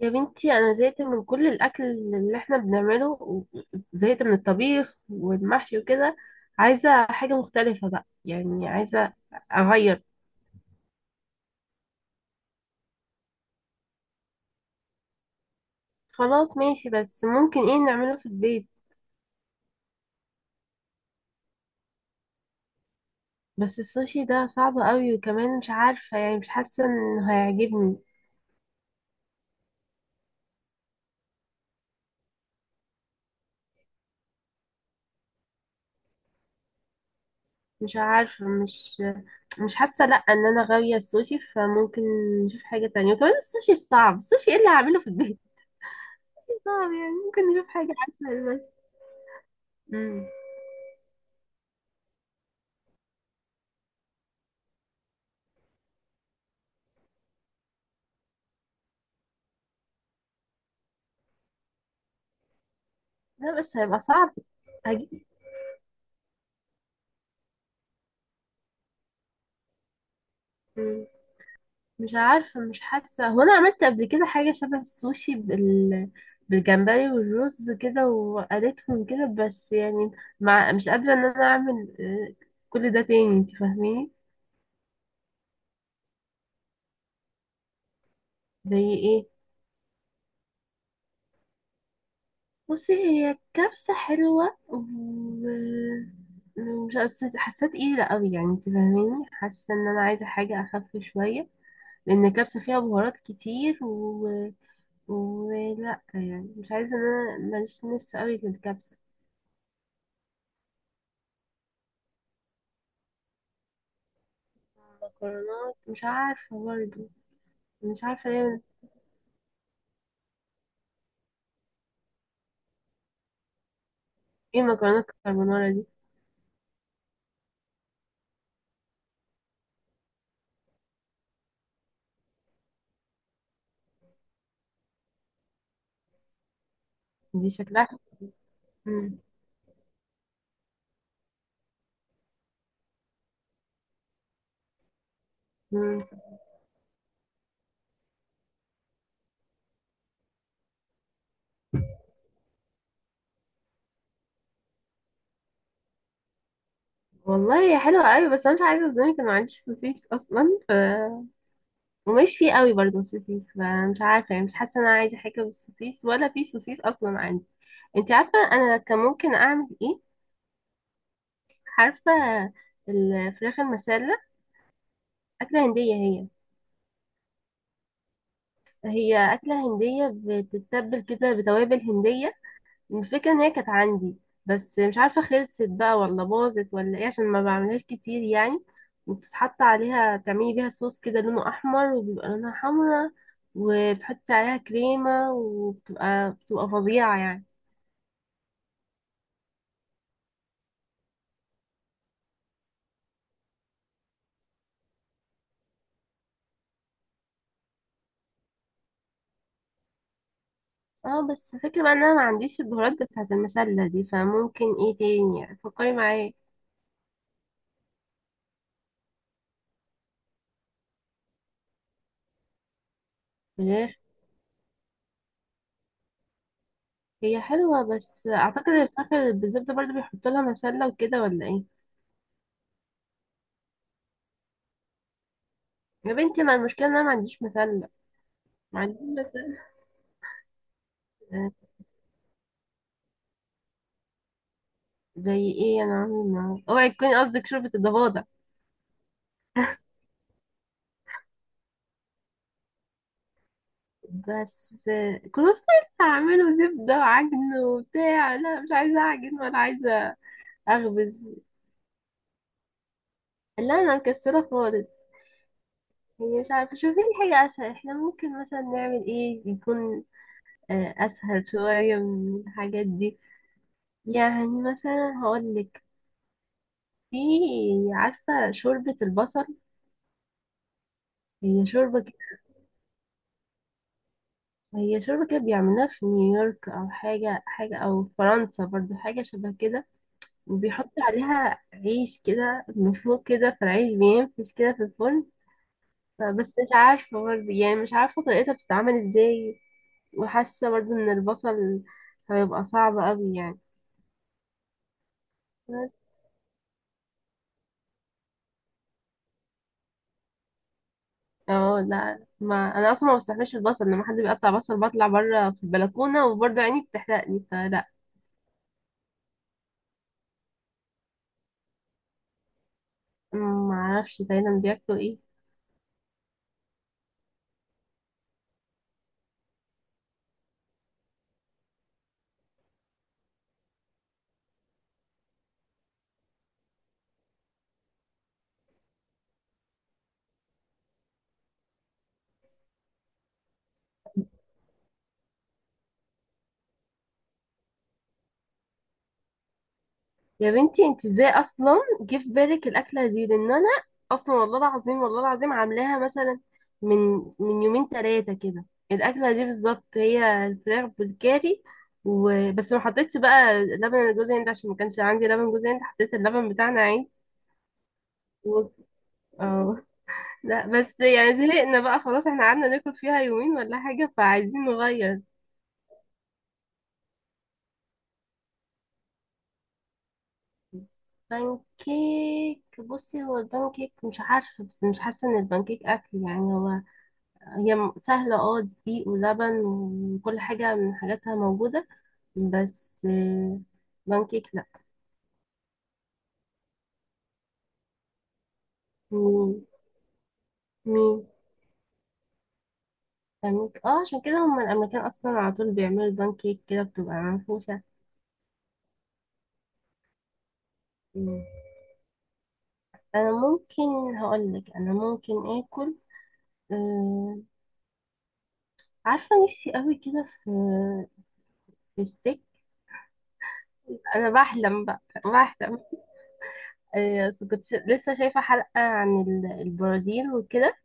يا بنتي، انا زهقت من كل الاكل اللي احنا بنعمله زهقت من الطبيخ والمحشي وكده. عايزه حاجه مختلفه بقى، يعني عايزه اغير. خلاص ماشي، بس ممكن ايه نعمله في البيت؟ بس السوشي ده صعب قوي، وكمان مش عارفه يعني، مش حاسه انه هيعجبني. مش عارفه، مش حاسه، لا ان انا غاويه السوشي، فممكن نشوف حاجه تانية. وكمان السوشي صعب. السوشي ايه اللي هعمله في البيت؟ صعب يعني، ممكن نشوف حاجه اسهل بس. مم. لا بس هيبقى صعب. هجيب. مم. مش عارفة مش حاسة، هو أنا عملت قبل كده حاجة شبه السوشي بالجمبري والرز كده وقليتهم كده، بس يعني مش قادرة إن أنا أعمل كل ده تاني، انت فاهميني؟ زي ايه؟ بصي، هي الكبسة حلوة، مش حاسة تقيلة قوي يعني، انت فاهميني، حاسة ان انا عايزة حاجة اخف شوية، لان الكبسة فيها بهارات كتير. ولا يعني مش عايزة، ان انا ماليش نفس قوي للكبسة. المكرونات مش عارفة برضه، مش عارفة ليه. ايه مكرونات الكربونارا دي؟ دي شكلها. مم. مم. والله هي حلوة قوي، بس انا مش عايزة اظلمك، انا ما عنديش سوسيس اصلا، ف ومش فيه قوي برضه سوسيس، فمش عارفة يعني، مش حاسة ان انا عايزة حاجة بالسوسيس، ولا في سوسيس اصلا عندي. انت عارفة انا كان ممكن اعمل ايه؟ عارفة؟ الفراخ المسلة. أكلة هندية هي. هي أكلة هندية. بتتبل كده بتوابل هندية. الفكرة إن هي كانت عندي، بس مش عارفة خلصت بقى ولا باظت ولا إيه، عشان ما بعملهاش كتير يعني. وبتتحط عليها، تعملي بيها صوص كده لونه أحمر وبيبقى لونها حمرا، وبتحطي عليها كريمة، وبتبقى فظيعة يعني. اه بس الفكرة بقى إن أنا ما عنديش البهارات بتاعة المسلة دي، فممكن إيه تاني يعني، فكري معايا. فراخ. هي حلوة بس أعتقد الفراخ بالزبدة برضه بيحطوا لها مسلة وكده، ولا إيه؟ يا بنتي، ما المشكلة ان انا ما عنديش مسلة. ما عنديش مسلة. آه، زي ايه؟ انا عامل معاه، اوعي تكوني قصدك شوربة الضفادع. بس كروسيت. هعمله زبدة وعجن وبتاع، لا مش عايزة اعجن ولا عايزة اخبز. لا انا مكسلة خالص. هي مش عارفة، شوفي لي حاجة اسهل. احنا ممكن مثلا نعمل ايه يكون اسهل شوية من الحاجات دي. يعني مثلا هقولك، في، عارفة شوربة البصل؟ هي شوربة. هي شرب كده بيعملوها في نيويورك او حاجه او فرنسا برضو، حاجه شبه كده. وبيحط عليها عيش كده من فوق كده، فالعيش بينفش كده في الفرن. بس مش عارفه برضو يعني، مش عارفه طريقتها بتتعمل ازاي. وحاسه برضو ان البصل هيبقى صعب قوي يعني. بس اه لا، ما انا اصلا ما بستحملش البصل، لما حد بيقطع بصل بطلع بره في البلكونه، وبرضو عيني بتحرقني فلا. ما اعرفش تايلاند بياكلوا ايه. يا بنتي، انت ازاي اصلا جه في بالك الاكله دي، لان انا اصلا والله العظيم والله العظيم عاملاها مثلا من من يومين ثلاثه كده، الاكله دي بالظبط هي الفراخ بالكاري. وبس ما حطيتش بقى لبن جوز هند، عشان ما كانش عندي لبن جوز هند، حطيت اللبن بتاعنا عادي. و... اه لا بس يعني زهقنا بقى، خلاص احنا قعدنا ناكل فيها يومين ولا حاجه، فعايزين نغير. بانكيك؟ بصي، هو البانكيك مش عارفه، بس مش حاسه ان البانكيك اكل يعني. هو هي سهلة، اه دقيق ولبن وكل حاجة من حاجاتها موجودة، بس بانكيك لا. مين؟ مين؟ بانكيك اه، عشان كده هما الأمريكان أصلا على طول بيعملوا البانكيك كده بتبقى منفوشة. مم. أنا ممكن هقولك، أنا ممكن آكل، آه عارفة نفسي قوي كده في ستيك. أنا بحلم بقى بحلم. آه بس كنت لسه شايفة حلقة عن البرازيل وكده،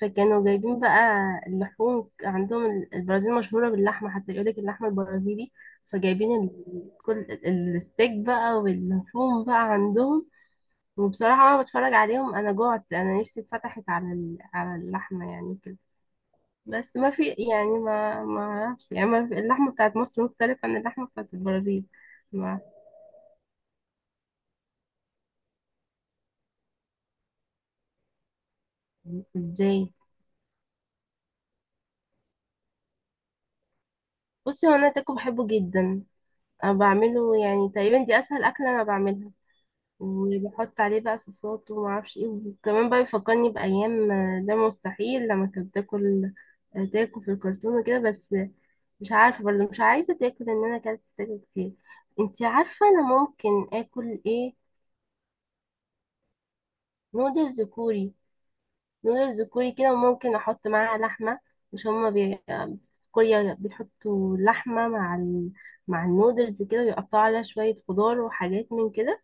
فكانوا جايبين بقى اللحوم عندهم، البرازيل مشهورة باللحمة، حتى يقولك اللحمة البرازيلي، فجايبين كل الستيك بقى واللحوم بقى عندهم. وبصراحة أنا بتفرج عليهم، أنا جوعت، أنا نفسي اتفتحت على على اللحمة يعني كده. بس ما في يعني، ما أعرفش يعني، ما في اللحمة بتاعت مصر مختلفة عن اللحمة بتاعت البرازيل. ما. إزاي؟ بصي، هو أنا تاكو بحبه جدا. أنا بعمله، يعني تقريبا دي أسهل أكلة أنا بعملها. وبحط عليه بقى صوصات وما اعرفش ايه، وكمان بقى بيفكرني بايام ده مستحيل لما كنت باكل تاكو في الكرتون وكده، بس مش عارفه برضه، مش عايزه تاكل ان انا اكلت تاكو كتير. انتي عارفه انا ممكن اكل ايه؟ نودلز كوري. نودلز كوري كده، وممكن احط معاها لحمه. مش هما في كوريا بيحطوا لحمه مع مع النودلز كده، ويقطعوا عليها شويه خضار وحاجات من كده،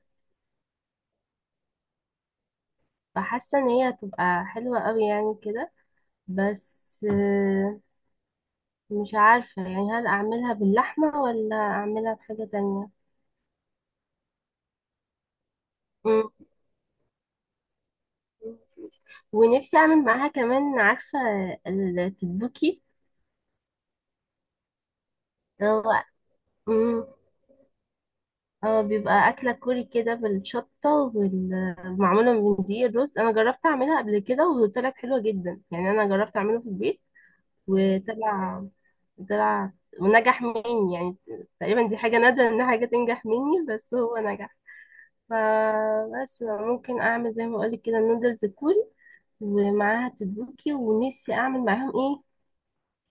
فحاسه ان هي هتبقى حلوه قوي يعني كده. بس مش عارفة يعني، هل أعملها باللحمة ولا أعملها بحاجة تانية. مم. ونفسي أعمل معاها كمان، عارفة التتبوكي؟ هو. مم. اه بيبقى أكلة كوري كده بالشطة والمعمولة من دي الرز، أنا جربت أعملها قبل كده وطلعت حلوة جدا يعني، أنا جربت أعمله في البيت وطلع طلع ونجح مني يعني. تقريبا دي حاجة نادرة إن حاجة تنجح مني، بس هو نجح. فبس ممكن اعمل زي ما اقولك كده النودلز كوري، ومعاها تدوكي، ونفسي اعمل معاهم ايه.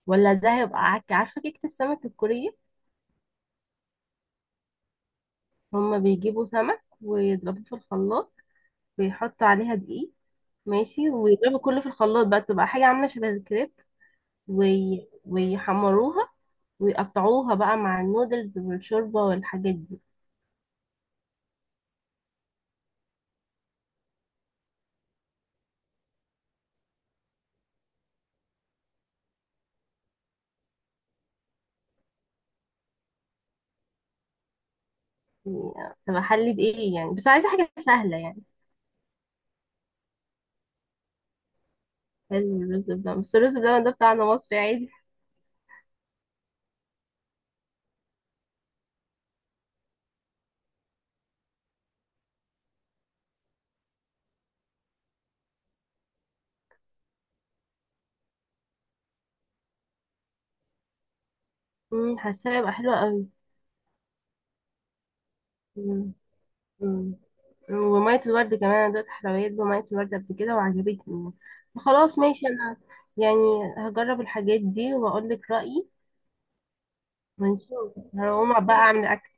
ولا ده هيبقى عارفه كيكه السمك الكوريه. هما بيجيبوا سمك ويضربوه في الخلاط، ويحطوا عليها دقيق، ماشي، ويضربوا كله في الخلاط بقى، تبقى حاجه عامله شبه الكريب ويحمروها، ويقطعوها بقى مع النودلز والشوربه والحاجات دي. يعني تبقى حلي بايه يعني، بس عايزه حاجه سهله يعني. حلو الرز بلبن، بس الرز بلبن ده بتاعنا مصري عادي. حاساها هيبقى حلوة قوي. مم، مم. ومية الورد كمان، أنا دوت حلويات بمية الورد قبل كده وعجبتني. خلاص ماشي، أنا يعني هجرب الحاجات دي وأقول لك رأيي. ونشوف. هقوم بقى أعمل أكل.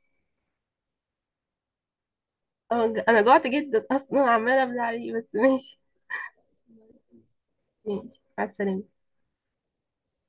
أنا جوعت جدا أصلا، عمالة أبلع عليه بس ماشي. ماشي، مع السلامة.